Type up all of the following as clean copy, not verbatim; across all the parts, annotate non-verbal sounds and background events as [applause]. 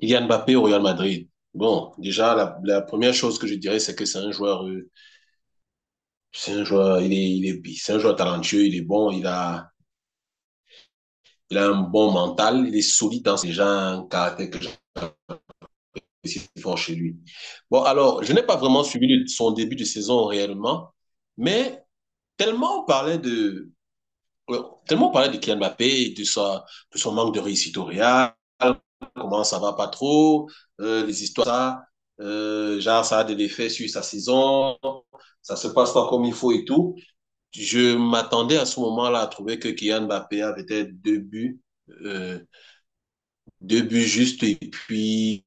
Kylian Mbappé au Real Madrid. Bon, déjà, la première chose que je dirais, c'est que c'est un joueur, c'est un joueur, c'est un joueur talentueux, il est bon, il a un bon mental, il est solide dans ses gens, un caractère que j'apprécie fort chez lui. Bon, alors, je n'ai pas vraiment suivi son début de saison réellement, mais tellement on parlait de, ouais, tellement parler de Kylian Mbappé, de son manque de réussite au Real, comment ça va pas trop, les histoires, ça, genre ça a des effets sur sa saison, ça se passe pas comme il faut et tout. Je m'attendais à ce moment-là à trouver que Kylian Mbappé avait peut-être euh, deux buts justes et puis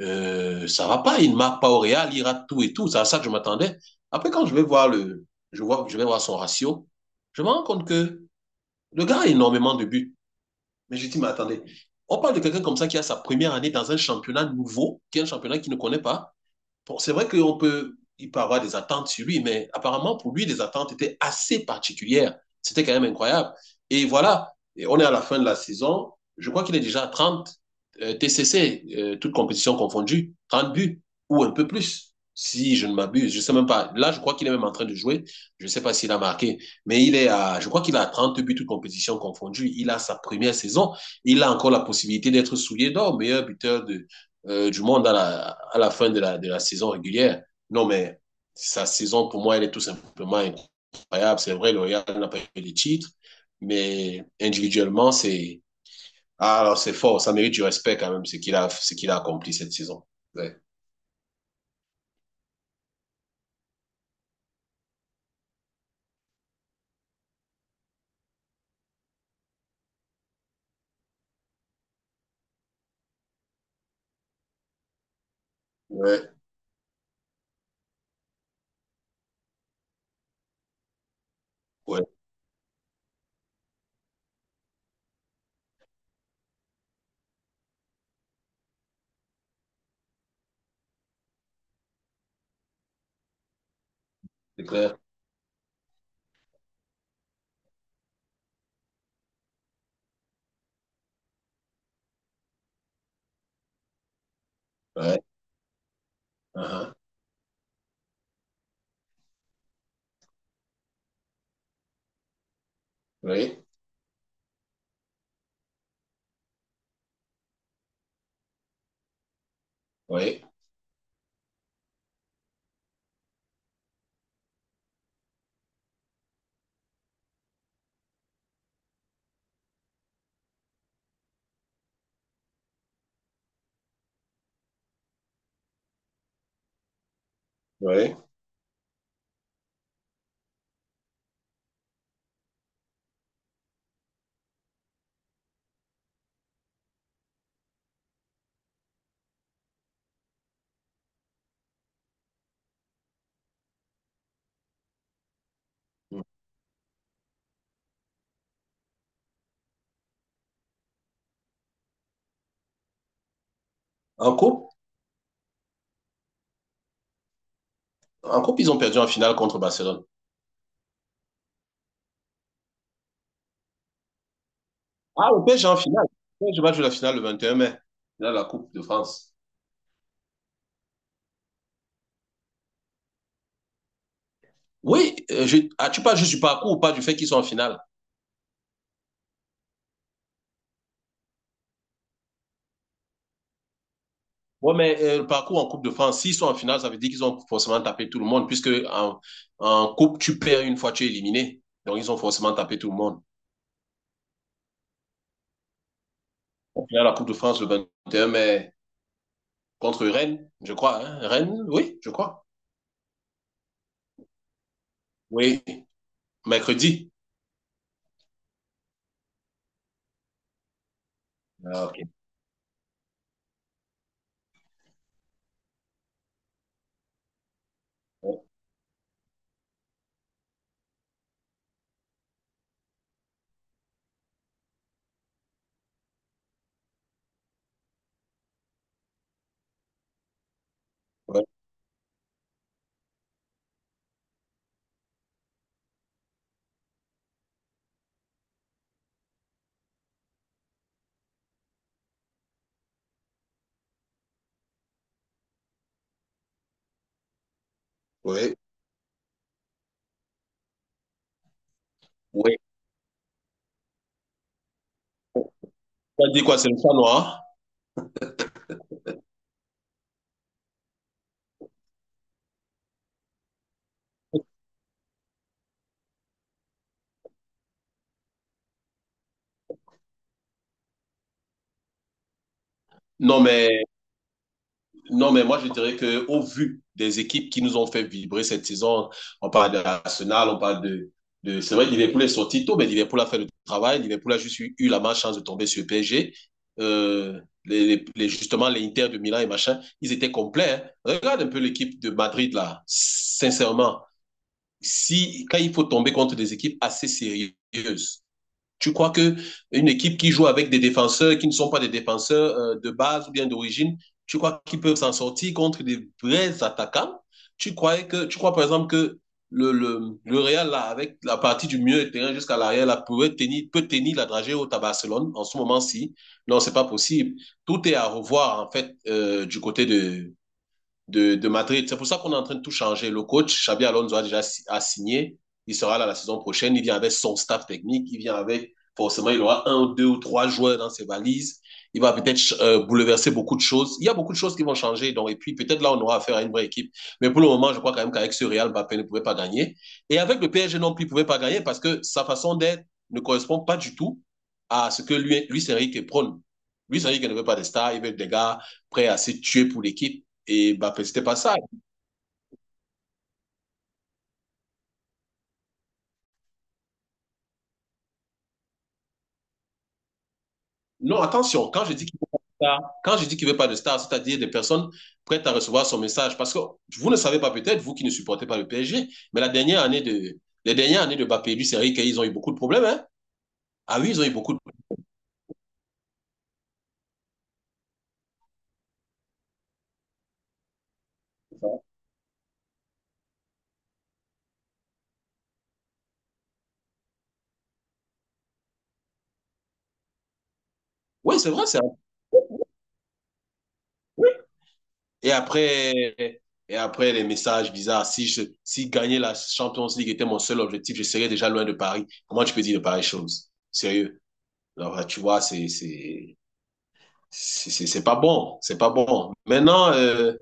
ça va pas, il ne marque pas au Real, il rate tout et tout. C'est à ça que je m'attendais. Après quand je vais voir le, je vois, je vais voir son ratio, je me rends compte que le gars a énormément de buts. Mais je dis, mais attendez, on parle de quelqu'un comme ça qui a sa première année dans un championnat nouveau, qui est un championnat qu'il ne connaît pas. Bon, c'est vrai qu'on peut, il peut avoir des attentes sur lui, mais apparemment, pour lui, les attentes étaient assez particulières. C'était quand même incroyable. Et voilà, et on est à la fin de la saison. Je crois qu'il est déjà à 30 TCC, toutes compétitions confondues, 30 buts ou un peu plus, si je ne m'abuse. Je ne sais même pas. Là, je crois qu'il est même en train de jouer. Je ne sais pas s'il a marqué, mais je crois qu'il a 30 buts, toutes compétitions confondues. Il a sa première saison. Il a encore la possibilité d'être souillé d'or, meilleur buteur du monde à la fin de la saison régulière. Non, mais sa saison, pour moi, elle est tout simplement incroyable. C'est vrai, le Real n'a pas eu les titres, mais individuellement, alors c'est fort, ça mérite du respect quand même, ce qu'il a accompli cette saison. Ouais, ouais, ouais, c'est clair. Ouais, uh-huh. Oui, oui, oui. En coupe, en coupe, ils ont perdu en finale contre Barcelone. Ah, le PSG en finale. Le PSG va jouer la finale le 21 mai. Là, la Coupe de France. Oui, ah, tu parles juste du parcours ou pas du fait qu'ils sont en finale? Oui, mais le parcours en Coupe de France, s'ils sont en finale, ça veut dire qu'ils ont forcément tapé tout le monde, puisque en Coupe, tu perds une fois tu es éliminé. Donc, ils ont forcément tapé tout le monde. Au final, la Coupe de France, le 21 mai, contre Rennes, je crois. Hein. Rennes, oui, je crois. Oui, mercredi. Ah, ok. Oui, oui. Ouais. Ça dit quoi, c'est le chat noir? Non, mais Non, mais moi, je dirais que au vu des équipes qui nous ont fait vibrer cette saison, on parle de Arsenal, on parle c'est vrai, Liverpool est sorti tôt, mais Liverpool a fait le travail. Liverpool a juste eu la malchance de tomber sur le PSG. Euh, justement, les Inter de Milan et machin, ils étaient complets. Hein. Regarde un peu l'équipe de Madrid, là. Sincèrement, si, quand il faut tomber contre des équipes assez sérieuses, tu crois que une équipe qui joue avec des défenseurs qui ne sont pas des défenseurs de base ou bien d'origine, tu crois qu'ils peuvent s'en sortir contre des vrais attaquants? Tu crois par exemple que le Real, là, avec la partie du milieu de terrain jusqu'à l'arrière, là, pourrait tenir, peut tenir la dragée haute à Barcelone en ce moment-ci? Non, c'est pas possible. Tout est à revoir, en fait, du côté de Madrid. C'est pour ça qu'on est en train de tout changer. Le coach, Xabi Alonso, a déjà a signé. Il sera là la saison prochaine. Il vient avec son staff technique. Il vient avec, forcément, il aura un, deux ou trois joueurs dans ses valises. Il va peut-être bouleverser beaucoup de choses. Il y a beaucoup de choses qui vont changer. Donc, et puis, peut-être là, on aura affaire à une vraie équipe. Mais pour le moment, je crois quand même qu'avec ce Real, Mbappé ne pouvait pas gagner. Et avec le PSG non plus, il ne pouvait pas gagner parce que sa façon d'être ne correspond pas du tout à ce que lui, Luis Enrique prône. Luis Enrique ne veut pas des stars, il veut des gars prêts à se tuer pour l'équipe. Et bah, c'était pas ça. Non, attention, quand je dis qu'il veut pas de star, c'est-à-dire des personnes prêtes à recevoir son message. Parce que vous ne savez pas peut-être, vous qui ne supportez pas le PSG, mais la dernière année de, les dernières années de Mbappé et du Série, qu'ils ont eu beaucoup de problèmes, hein? Ah oui, ils ont eu beaucoup de problèmes. Oui, c'est vrai, oui. Et après, et après les messages bizarres, si gagner la Champions League était mon seul objectif, je serais déjà loin de Paris. Comment tu peux dire de pareilles choses? Sérieux. Alors, tu vois, c'est pas bon. C'est pas bon. Maintenant,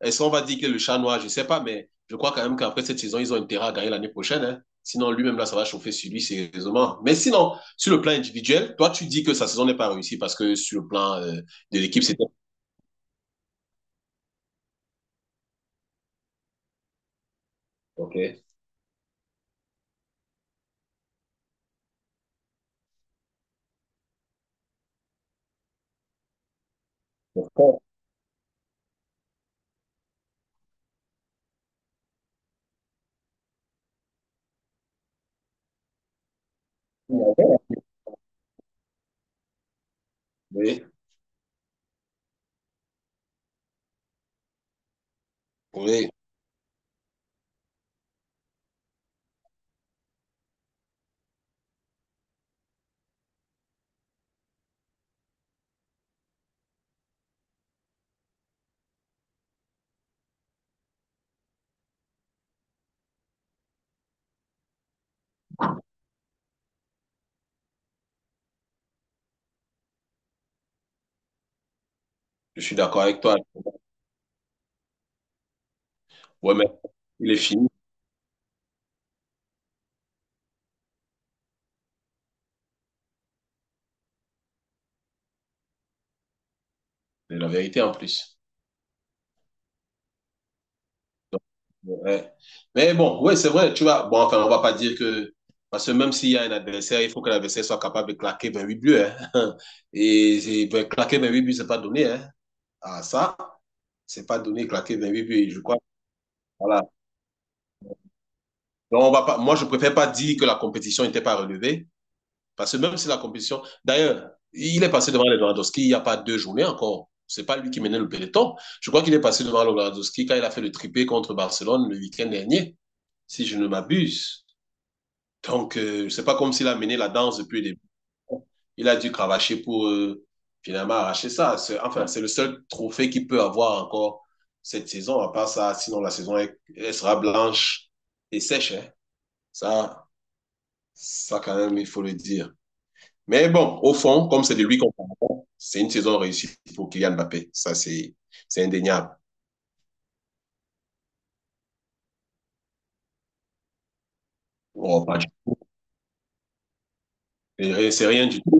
est-ce qu'on va dire que le chat noir? Je sais pas, mais je crois quand même qu'après cette saison, ils ont intérêt à gagner l'année prochaine. Hein. Sinon, lui-même, là, ça va chauffer sur lui, sérieusement. Mais sinon, sur le plan individuel, toi, tu dis que sa saison n'est pas réussie parce que sur le plan de l'équipe, c'était. OK. Oui, oui, je suis d'accord avec toi. Ouais, mais il est fini, c'est la vérité en plus. Ouais. Mais bon, ouais, c'est vrai, tu vois. Bon, enfin, on va pas dire que. Parce que même s'il y a un adversaire, il faut que l'adversaire soit capable de claquer 28 buts. Hein. [laughs] Ben, claquer huit buts, c'est pas donné. Hein. Ah, ça, c'est pas donné, claquer 28 buts. Je crois. Voilà. Donc, on va pas, moi, je préfère pas dire que la compétition n'était pas relevée. Parce que même si la compétition. D'ailleurs, il est passé devant Lewandowski il n'y a pas deux journées encore. C'est pas lui qui menait le peloton. Je crois qu'il est passé devant Lewandowski quand il a fait le triplé contre Barcelone le week-end dernier, si je ne m'abuse. Donc, c'est pas comme s'il a mené la danse depuis le début. Il a dû cravacher pour finalement arracher ça. Enfin, c'est le seul trophée qu'il peut avoir encore cette saison. À part ça, sinon la saison elle, elle sera blanche et sèche. Hein. Ça, ça quand même, il faut le dire. Mais bon, au fond, comme c'est de lui qu'on parle, c'est une saison réussie pour Kylian Mbappé. Ça, c'est indéniable. Oh, c'est rien du tout.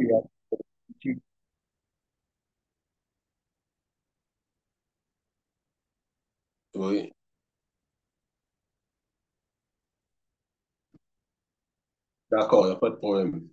Oui, d'accord, il n'y a pas de problème.